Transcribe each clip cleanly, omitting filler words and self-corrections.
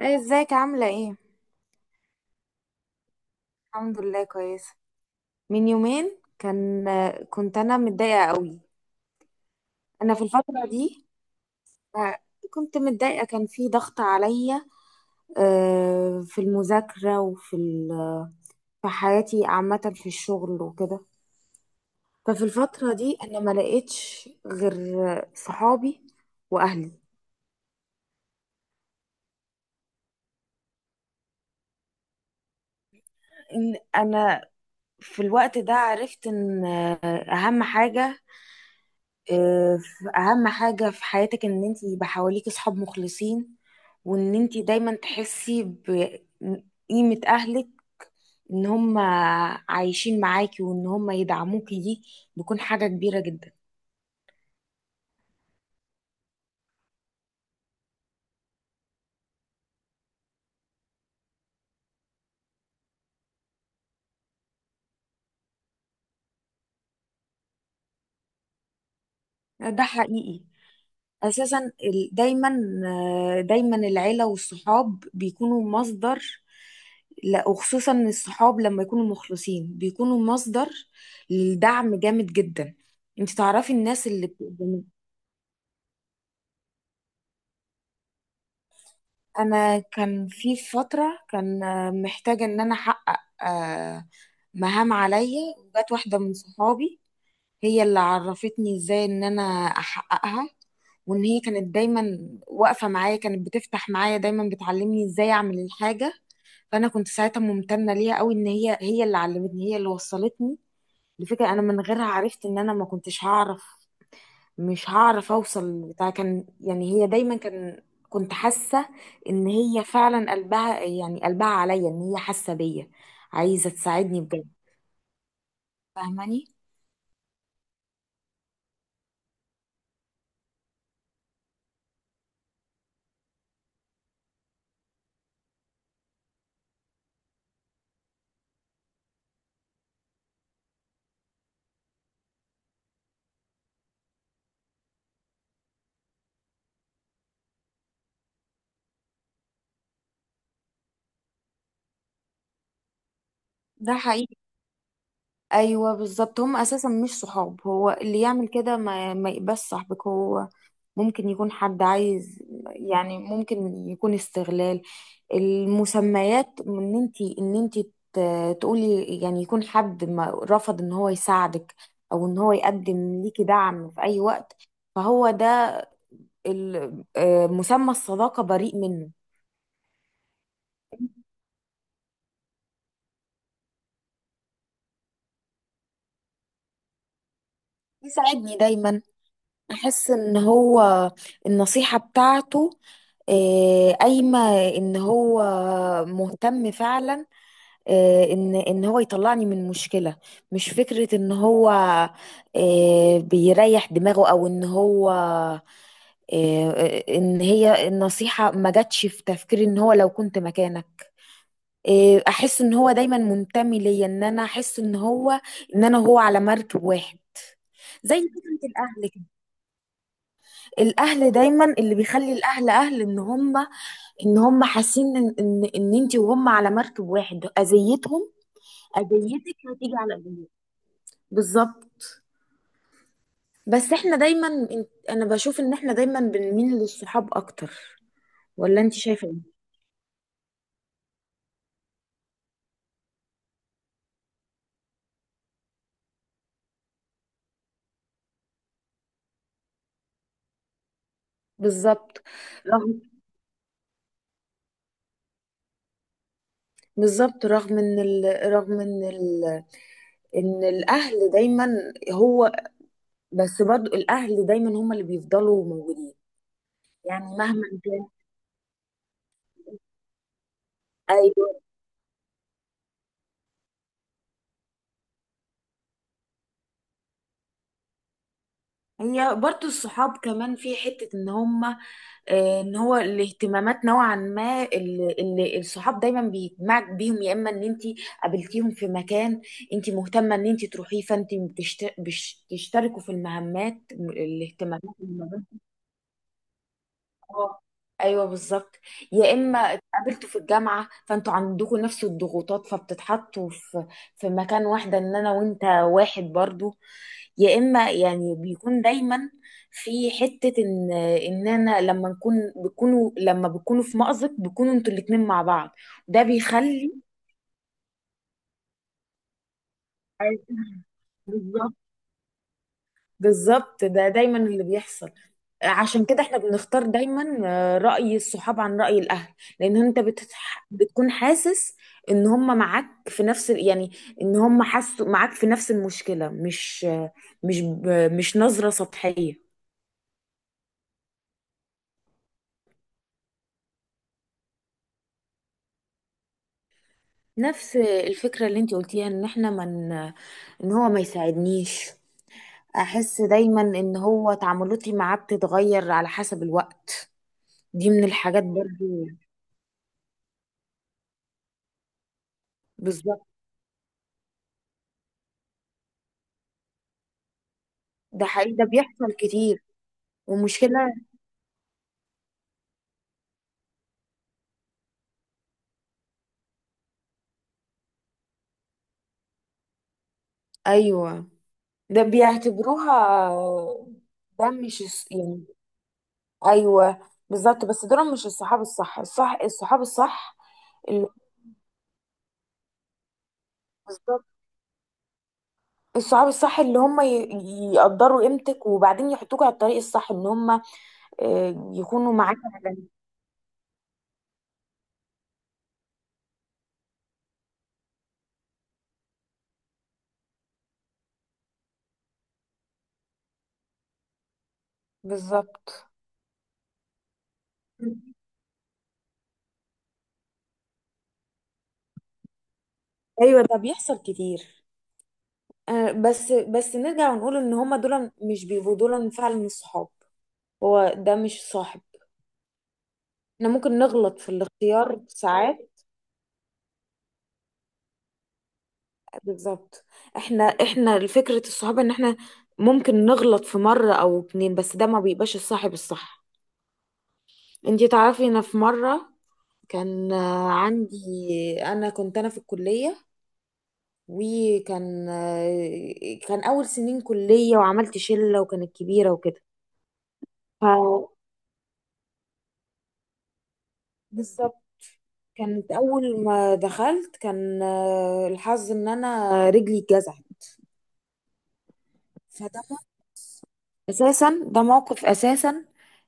ايه، ازيك عاملة ايه؟ الحمد لله كويسة. من يومين كان، كنت انا متضايقة قوي. انا في الفترة دي آه، كنت متضايقة، كان في ضغط عليا في المذاكرة وفي في حياتي عامة، في الشغل وكده. ففي الفترة دي انا ما لقيتش غير صحابي واهلي. إن انا في الوقت ده عرفت ان اهم حاجة، آه، اهم حاجة في حياتك ان انت يبقى حواليك اصحاب مخلصين، وان انت دايما تحسي بقيمة اهلك، ان هم عايشين معاكي وان هم يدعموكي، دي بيكون حاجة كبيرة جدا. ده حقيقي اساسا. دايما، دايما العيلة والصحاب بيكونوا مصدر، لا وخصوصا الصحاب لما يكونوا مخلصين بيكونوا مصدر للدعم جامد جدا. انت تعرفي الناس اللي انا كان في فتره، كان محتاجه ان انا احقق مهام عليا، وجات واحده من صحابي هي اللي عرفتني ازاي ان انا احققها، وان هي كانت دايما واقفه معايا، كانت بتفتح معايا دايما، بتعلمني ازاي اعمل الحاجه. فانا كنت ساعتها ممتنه ليها قوي، ان هي اللي علمتني، هي اللي وصلتني لفكره انا من غيرها عرفت ان انا ما كنتش هعرف، مش هعرف اوصل، بتاع كان يعني هي دايما كان، كنت حاسه ان هي فعلا قلبها، يعني قلبها عليا، ان هي حاسه بيا، عايزه تساعدني بجد، فاهماني. ده حقيقي. ايوه بالظبط، هم اساسا مش صحاب. هو اللي يعمل كده ما يبقاش صاحبك. هو ممكن يكون حد عايز، يعني ممكن يكون استغلال المسميات، ان انت تقولي، يعني يكون حد ما رفض ان هو يساعدك او ان هو يقدم ليكي دعم في اي وقت. فهو ده مسمى الصداقة بريء منه. يساعدني دايما، احس ان هو النصيحة بتاعته قايمة، ان هو مهتم فعلا، ان هو يطلعني من مشكله، مش فكره ان هو بيريح دماغه او ان هو آه، ان هي النصيحه ما جاتش في تفكيري ان هو لو كنت مكانك. احس ان هو دايما منتمي ليا، ان انا احس ان هو ان انا وهو على مركب واحد. زي فكره الاهل كده. الاهل دايما، اللي بيخلي الاهل اهل، ان هم حاسين ان انت وهم على مركب واحد. اذيتهم اذيتك، هتيجي على اذيتك، بالظبط. بس احنا دايما انا بشوف ان احنا دايما بنميل للصحاب اكتر، ولا انت شايفه ايه؟ بالظبط. رغم، بالظبط، ان الاهل دايما هو، بس برضو الاهل دايما هم اللي بيفضلوا موجودين، يعني مهما كان. ايوه، هي برضو الصحاب كمان في حته ان هم ان هو الاهتمامات نوعا ما، اللي الصحاب دايما بيجمعك بيهم، يا اما ان انت قابلتيهم في مكان انت مهتمه ان انت تروحيه، فانت بتشتركوا في المهمات الاهتمامات. اه، ايوه بالظبط. يا اما اتقابلتوا في الجامعه فانتوا عندكم نفس الضغوطات، فبتتحطوا في في مكان واحده، ان انا وانت واحد برضو. يا اما يعني بيكون دايما في حته ان انا لما نكون، بيكونوا لما بيكونوا في مأزق بيكونوا انتوا الاتنين مع بعض، ده بيخلي. أيوة، بالظبط، بالظبط ده دايما اللي بيحصل. عشان كده احنا بنختار دايما رأي الصحاب عن رأي الأهل، لأن انت بتكون حاسس ان هم معاك في نفس يعني ان هم حاسوا معاك في نفس المشكلة، مش مش ب... مش نظرة سطحية. نفس الفكرة اللي انت قلتيها ان احنا من ان هو ما يساعدنيش، احس دايما ان هو تعاملاتي معاه بتتغير على حسب الوقت، دي من الحاجات برضو. بالظبط. ده حقيقي، ده بيحصل كتير. ومشكلة. أيوة، ده بيعتبروها، ده مش الص- يعني أيوة بالظبط، بس دول مش الصحاب الصح، الصح الصحاب الصح، اللي بالظبط. الصحاب الصح اللي هم يقدروا قيمتك وبعدين يحطوك على الطريق الصح، ان هم يكونوا معاك على-. بالظبط. ايوه ده بيحصل كتير. بس نرجع ونقول ان هما دول مش بيبقوا دول فعلا الصحاب، هو ده مش صاحب. احنا ممكن نغلط في الاختيار ساعات. بالظبط. احنا، احنا فكرة الصحابة ان احنا ممكن نغلط في مرة او اتنين، بس ده ما بيبقاش الصاحب الصح. انتي تعرفي، انا في مرة كان عندي، انا كنت، انا في الكلية وكان كان اول سنين كلية، وعملت شلة وكانت كبيرة وكده. ف بالظبط. كانت اول ما دخلت كان الحظ ان انا رجلي اتجزعت. فده اساسا، ده موقف اساسا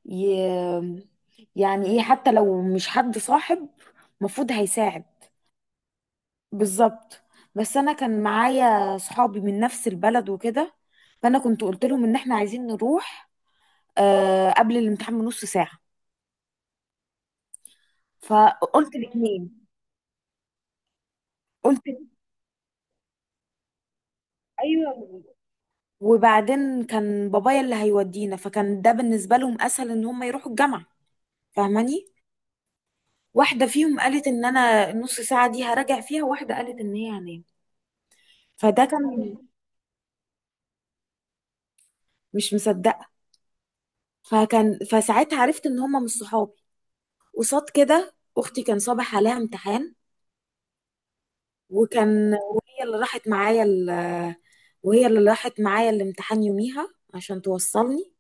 ي... يعني ايه، حتى لو مش حد صاحب مفروض هيساعد. بالظبط. بس انا كان معايا صحابي من نفس البلد وكده، فانا كنت قلت لهم ان احنا عايزين نروح آه قبل الامتحان بنص ساعة. فقلت الاثنين، قلت ايوه. وبعدين كان بابايا اللي هيودينا، فكان ده بالنسبة لهم اسهل ان هم يروحوا الجامعة، فاهماني. واحدة فيهم قالت ان انا النص ساعة دي هراجع فيها، واحدة قالت ان هي هنام. فده كان، مش مصدقه. فكان، فساعتها عرفت ان هما مش صحابي. قصاد كده، اختي كان صبح عليها امتحان، وكان، وهي اللي راحت معايا وهي اللي راحت معايا الامتحان يوميها عشان توصلني.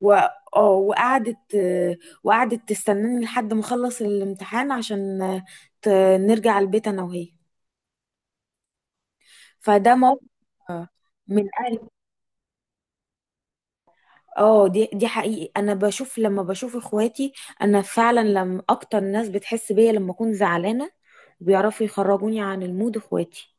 و... اه وقعدت، وقعدت تستناني لحد ما اخلص الامتحان عشان ت... نرجع البيت انا وهي. فده موقف. آه، من اهل. اه دي، دي حقيقي، انا بشوف لما بشوف اخواتي، انا فعلا، لما اكتر ناس بتحس بيا لما اكون زعلانه بيعرفوا يخرجوني عن المود اخواتي.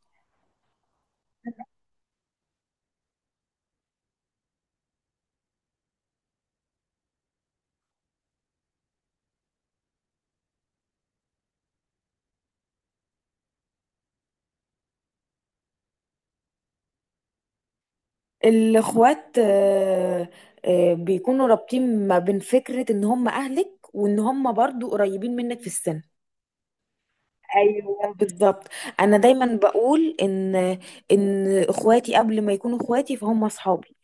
الاخوات بيكونوا رابطين ما بين فكره ان هم اهلك، وان هم برضو قريبين منك في السن. ايوه بالظبط. انا دايما بقول ان، ان اخواتي قبل ما يكونوا اخواتي فهم اصحابي،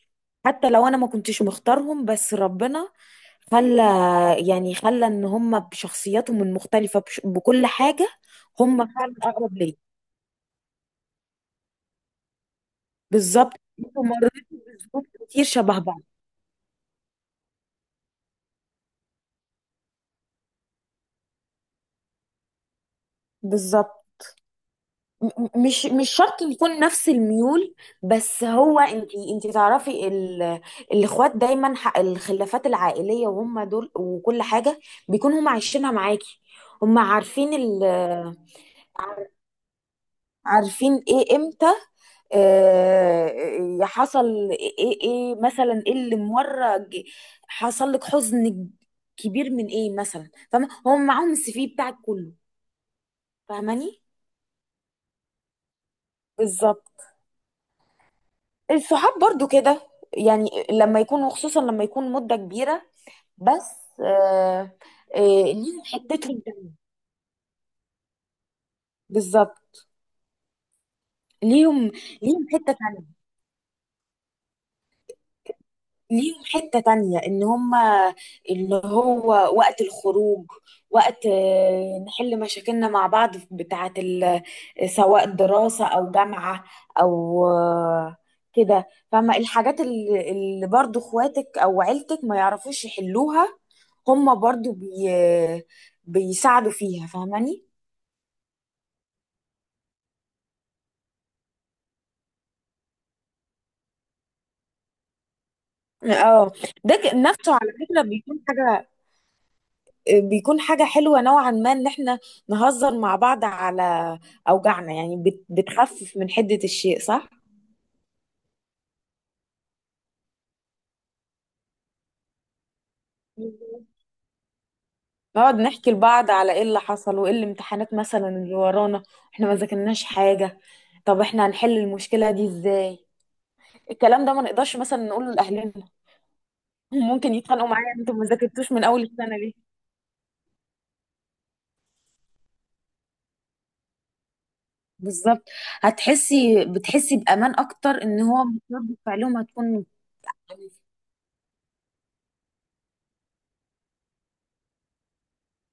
حتى لو انا ما كنتش مختارهم، بس ربنا خلى، يعني خلى ان هم بشخصياتهم المختلفه بكل حاجه، هم فعلا اقرب ليا. بالظبط. هم مريتوا بظروف كتير شبه بعض. بالظبط. مش شرط يكون نفس الميول، بس هو انت، انت تعرفي الاخوات دايما الخلافات العائليه وهم دول وكل حاجه بيكونوا هم عايشينها معاكي، هم عارفين عارفين ايه امتى آه، حصل، ايه مثلا، ايه اللي حصل لك حزن كبير من ايه مثلا، فاهمه هم معاهم السي في بتاعك كله، فاهماني. بالظبط. الصحاب برضو كده، يعني لما يكونوا خصوصا لما يكون مده كبيره. بس آه آه. ليهم حتتهم تانية. بالظبط. ليهم، ليهم حته تانية، ليهم حتة تانية ان هما اللي هو وقت الخروج، وقت نحل مشاكلنا مع بعض، بتاعة سواء دراسة او جامعة، او كده. فما الحاجات اللي برضو اخواتك او عيلتك ما يعرفوش يحلوها، هما برضو بيساعدوا فيها، فاهماني. اه. نفسه على فكرة بيكون حاجة، بيكون حاجة حلوة نوعا ما ان احنا نهزر مع بعض على اوجعنا، يعني بتخفف من حدة الشيء، صح؟ بالظبط. نقعد نحكي لبعض على ايه اللي حصل، وايه الامتحانات مثلا اللي ورانا، احنا ما ذاكرناش حاجة، طب احنا هنحل المشكلة دي ازاي؟ الكلام ده ما نقدرش مثلا نقوله لأهلنا هم ممكن يتخانقوا معايا، انتوا ما ذاكرتوش من اول السنة ليه؟ بالظبط. هتحسي، بتحسي بأمان اكتر، ان هو رد فعلهم هتكون